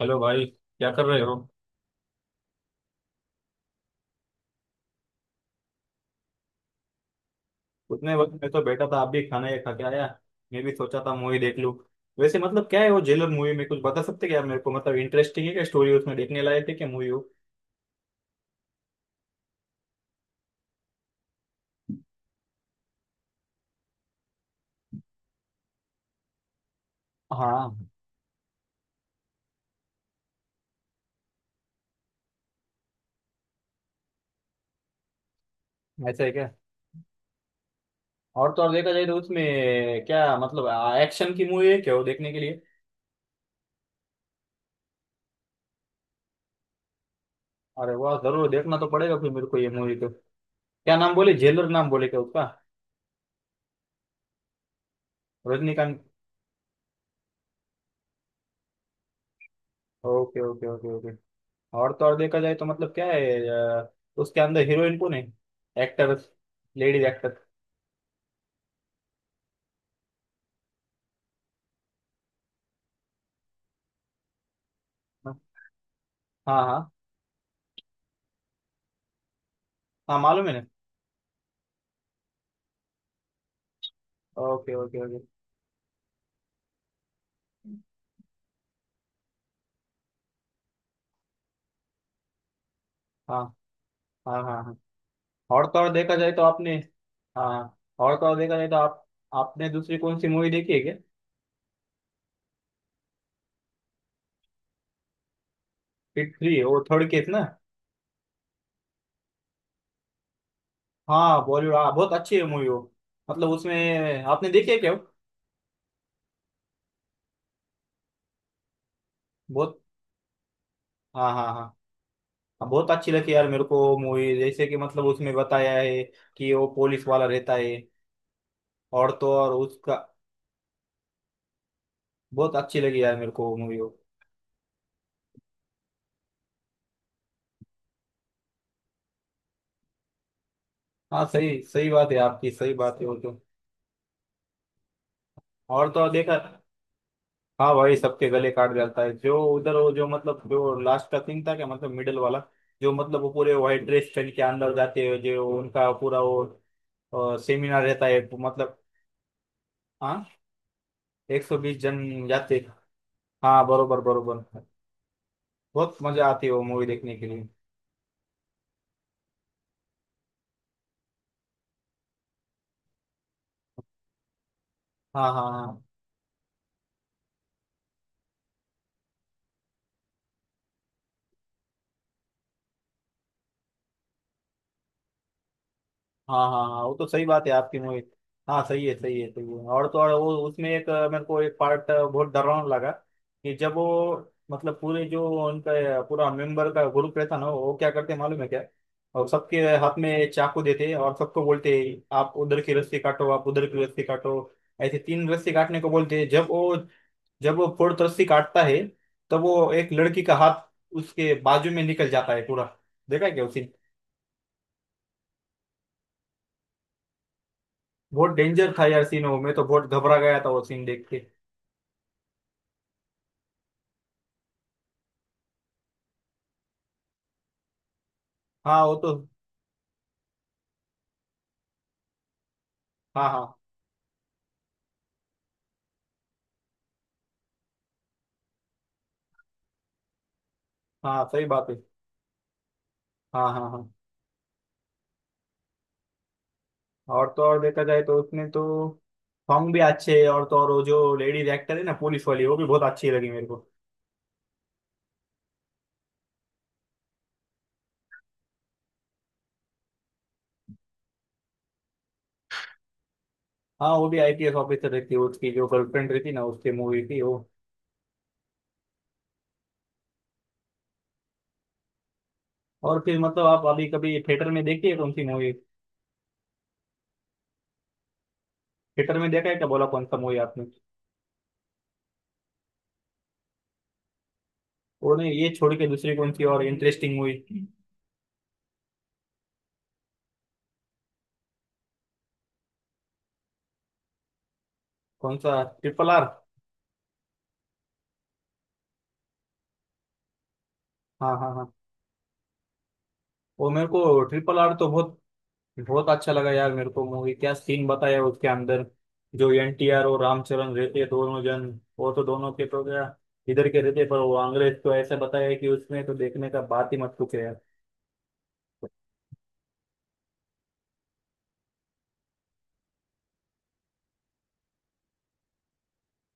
Hello भाई, क्या कर रहे हो? उतने वक्त में तो बैठा था, आप भी खाना ये खा के आया। मैं भी सोचा था मूवी देख लूं। वैसे मतलब क्या है, वो जेलर मूवी में कुछ बता सकते क्या मेरे को? मतलब इंटरेस्टिंग है क्या? स्टोरी उसमें देखने लायक है क्या मूवी हो? हाँ, ऐसा है क्या? और तो और देखा जाए तो उसमें क्या मतलब, एक्शन की मूवी है क्या वो देखने के लिए? अरे वाह, जरूर देखना तो पड़ेगा फिर मेरे को ये मूवी तो। क्या नाम बोले, जेलर नाम बोले क्या उसका? Rajinikanth. Okay okay okay okay. और तो और देखा जाए तो मतलब क्या है, उसके अंदर हीरोइन कौन है? Actor, ladies actor? हाँ। हाँ हाँ, मालूम है ना। Okay okay okay. हाँ हाँ हाँ हाँ। और तो और देखा जाए तो आपने। हाँ, और तो और देखा जाए तो आप आपने दूसरी कौन सी मूवी देखी है क्या? हिट थ्री, वो थर्ड केस ना? हाँ बॉलीवुड, हाँ बहुत अच्छी है मूवी वो। मतलब उसमें आपने देखी है क्या वो? बहुत। हाँ हाँ हाँ। हाँ, बहुत अच्छी लगी यार मेरे को मूवी, जैसे कि मतलब उसमें बताया है कि वो पुलिस वाला रहता है। और तो और उसका बहुत अच्छी लगी यार मेरे को मूवी वो movie। वो। हाँ, सही सही बात है आपकी, सही बात है वो तो। और तो और देखा। हाँ भाई, सबके गले काट जाता है जो उधर। वो जो मतलब जो लास्ट का सीन था क्या मतलब, मिडिल वाला? जो मतलब वो पूरे व्हाइट ड्रेस पहन के अंदर जाते हैं, जो उनका पूरा वो सेमिनार रहता है मतलब। हाँ, 120 जन जाते हैं। हाँ, बरोबर बरोबर। बहुत मजा आती है वो मूवी देखने के लिए। हाँ हाँ हाँ हाँ हाँ हाँ, वो तो सही बात है आपकी मोहित। हाँ, सही है सही है सही है। और तो और वो उसमें एक मेरे को एक पार्ट बहुत डरावना लगा कि जब वो मतलब पूरे जो उनका, पूरा मेंबर का ग्रुप रहता ना, वो क्या करते मालूम है क्या? और सबके हाथ में चाकू देते और सबको बोलते, आप उधर की रस्सी काटो, आप उधर की रस्सी काटो। ऐसे तीन रस्सी काटने को बोलते हैं। जब वो फोर्थ रस्सी काटता है, तब वो एक लड़की का हाथ उसके बाजू में निकल जाता है पूरा। देखा है क्या उसी? बहुत डेंजर था यार सीन वो, मैं तो बहुत घबरा गया था वो सीन देख के। हाँ वो तो। हाँ हाँ हाँ, सही बात है। हाँ हाँ हाँ, और तो और देखा जाए तो उसने तो सॉन्ग भी अच्छे है। और तो और वो जो लेडीज एक्टर है ना, पुलिस वाली वो भी बहुत अच्छी लगी मेरे को। हाँ, वो भी आईपीएस ऑफिसर रहती है, उसकी जो गर्लफ्रेंड रहती ना उसकी, मूवी थी वो। और फिर मतलब, आप अभी कभी थिएटर में देखी है कौन सी मूवी? थिएटर में देखा है क्या, बोला कौन सा मूवी आपने? वो नहीं, ये छोड़ के दूसरी कौन सी और इंटरेस्टिंग मूवी? कौन सा, ट्रिपल आर? हाँ हाँ हाँ, वो मेरे को ट्रिपल आर तो बहुत बहुत अच्छा लगा यार मेरे को मूवी। क्या सीन बताया उसके अंदर, जो एनटीआर और रामचरण रहते हैं दोनों जन। वो तो दोनों के तो क्या, इधर के रहते हैं, पर वो अंग्रेज तो ऐसे बताया है कि उसमें तो देखने का बात ही मत पूछे यार।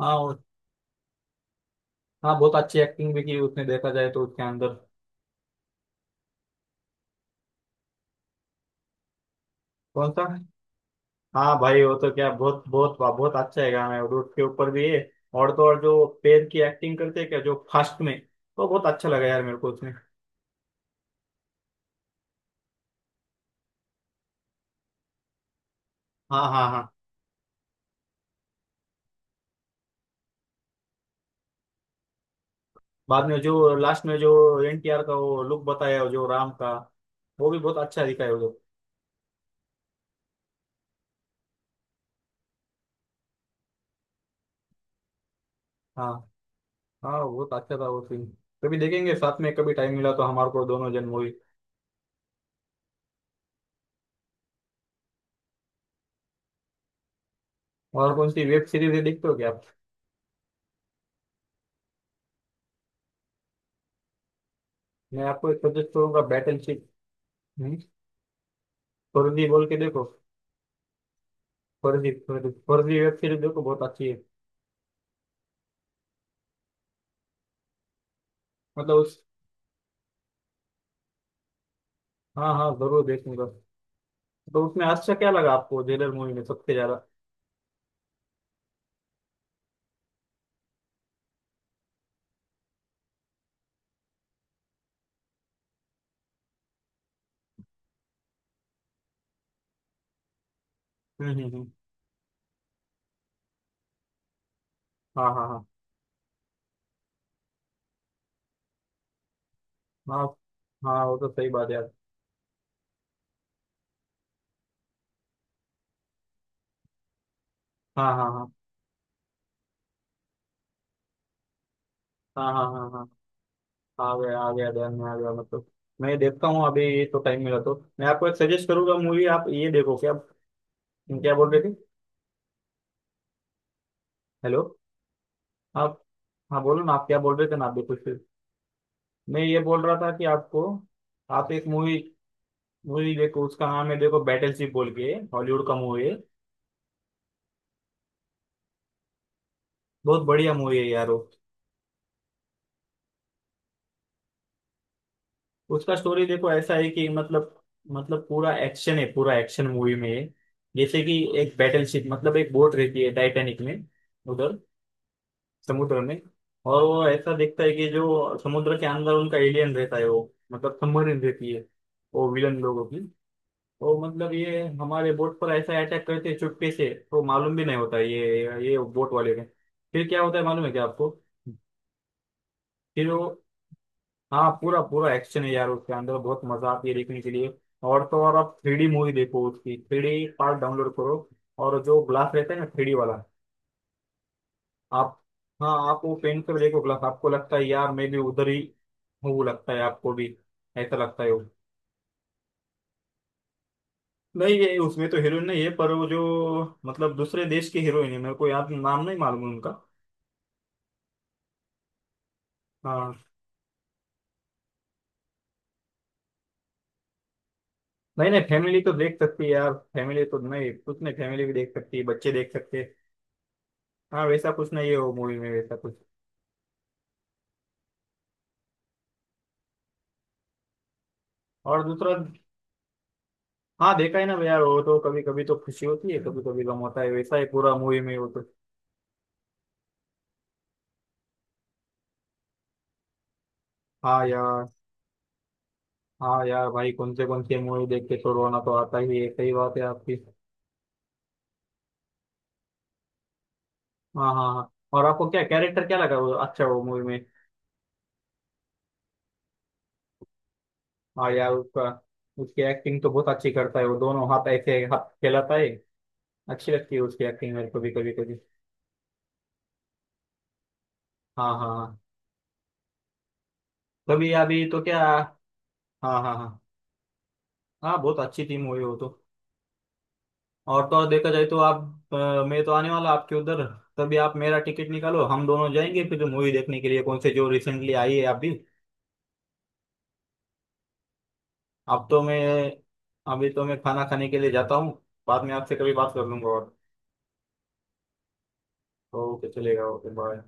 हाँ हाँ बहुत अच्छी एक्टिंग भी की उसने देखा जाए तो उसके अंदर। कौन सा? हाँ भाई वो तो क्या, बहुत बहुत बहुत अच्छा है गाना है और उसके ऊपर भी है। और तो और जो पैर की एक्टिंग करते हैं क्या जो फास्ट में, तो बहुत अच्छा लगा यार मेरे को उसमें। हाँ हाँ हाँ। बाद में जो लास्ट में जो एनटीआर का वो लुक बताया हो, जो राम का, वो भी बहुत अच्छा दिखाया वो लोग। हाँ। हाँ बहुत अच्छा था वो फिल्म। कभी देखेंगे साथ में, कभी टाइम मिला तो हमारे को दोनों जन मूवी। और कौन सी वेब सीरीज देखते हो क्या आप? मैं आपको एक सजेस्ट करूंगा, बैटल शिप। फर्जी बोल के देखो। फर्जी फर्जी फर्जी वेब सीरीज देखो, बहुत अच्छी है। मतलब उस, हाँ हाँ जरूर देखूंगा। तो उसमें अच्छा क्या लगा आपको जेलर मूवी में सबसे ज्यादा? हम्म। हाँ हाँ हाँ। हाँ हाँ, वो तो सही बात है यार। हाँ हाँ हाँ। हाँ हाँ हाँ हाँ। आ गया आ गया, ध्यान में आ गया मतलब। मैं देखता हूँ अभी ये, तो टाइम मिला तो मैं आपको एक सजेस्ट करूंगा मूवी, आप ये देखो क्या। क्या बोल रहे थे? हेलो? आप? हाँ, बोलो ना, आप क्या बोल रहे थे ना, आप भी कुछ। मैं ये बोल रहा था कि आपको, आप एक मूवी, मूवी देखो, उसका नाम है, देखो, बैटलशिप बोल के हॉलीवुड का मूवी है। बहुत बढ़िया मूवी है यार वो। उसका स्टोरी देखो, ऐसा है कि मतलब पूरा एक्शन है, पूरा एक्शन मूवी में है। जैसे कि एक बैटलशिप मतलब एक बोट रहती है टाइटैनिक में, उधर समुद्र में। और वो ऐसा देखता है कि जो समुद्र के अंदर उनका एलियन रहता है, वो मतलब सबमरीन रहती है, वो विलन लोगों की। तो मतलब ये हमारे बोट पर ऐसा अटैक करते हैं चुपके से, तो मालूम भी नहीं होता है ये बोट वाले ने। फिर क्या होता है मालूम है क्या आपको? फिर वो, हाँ, पूरा पूरा एक्शन है यार उसके अंदर, बहुत मजा आती है देखने के लिए। और तो और आप थ्री डी मूवी देखो, उसकी थ्री डी पार्ट डाउनलोड करो। और जो ग्लास रहता है ना थ्री डी वाला, आप, हाँ आप वो पेन कर देखो ग्लास, आपको लगता है यार मैं भी उधर ही हूँ, लगता है आपको भी ऐसा लगता है वो। नहीं ये उसमें तो हीरोइन नहीं है, पर वो जो मतलब दूसरे देश की हीरोइन है, मेरे को याद नाम नहीं मालूम उनका। हाँ, नहीं नहीं, फैमिली तो देख सकती है यार, फैमिली तो नहीं कुछ नहीं, फैमिली भी देख सकती है, बच्चे देख सकते हैं। हाँ वैसा कुछ नहीं है वो मूवी में, वैसा कुछ। और दूसरा, हाँ देखा है ना यार, वो तो कभी कभी तो खुशी होती है, कभी कभी गम होता है, वैसा ही पूरा मूवी में वो तो। हाँ यार। हाँ यार भाई, कौन से मूवी देख के तो रोना तो आता ही है, सही बात है आपकी। हाँ हाँ हाँ। और आपको क्या, कैरेक्टर क्या लगा वो अच्छा वो मूवी में? हाँ यार उसका, उसकी एक्टिंग तो बहुत अच्छी करता है, वो दोनों हाथ ऐसे हाथ फैलाता है। अच्छी लगती है उसकी एक्टिंग मेरे को भी कभी कभी। हाँ हाँ हाँ। कभी अभी तो क्या। हाँ हाँ हाँ। हाँ बहुत अच्छी थी मूवी वो तो। और तो और देखा जाए तो आप, मैं तो आने वाला आपके उधर, तभी आप मेरा टिकट निकालो, हम दोनों जाएंगे फिर मूवी देखने के लिए कौन से जो रिसेंटली आई है अभी। अब तो मैं, अभी तो मैं खाना खाने के लिए जाता हूँ, बाद में आपसे कभी बात कर लूंगा। और तो ओके चलेगा, ओके बाय।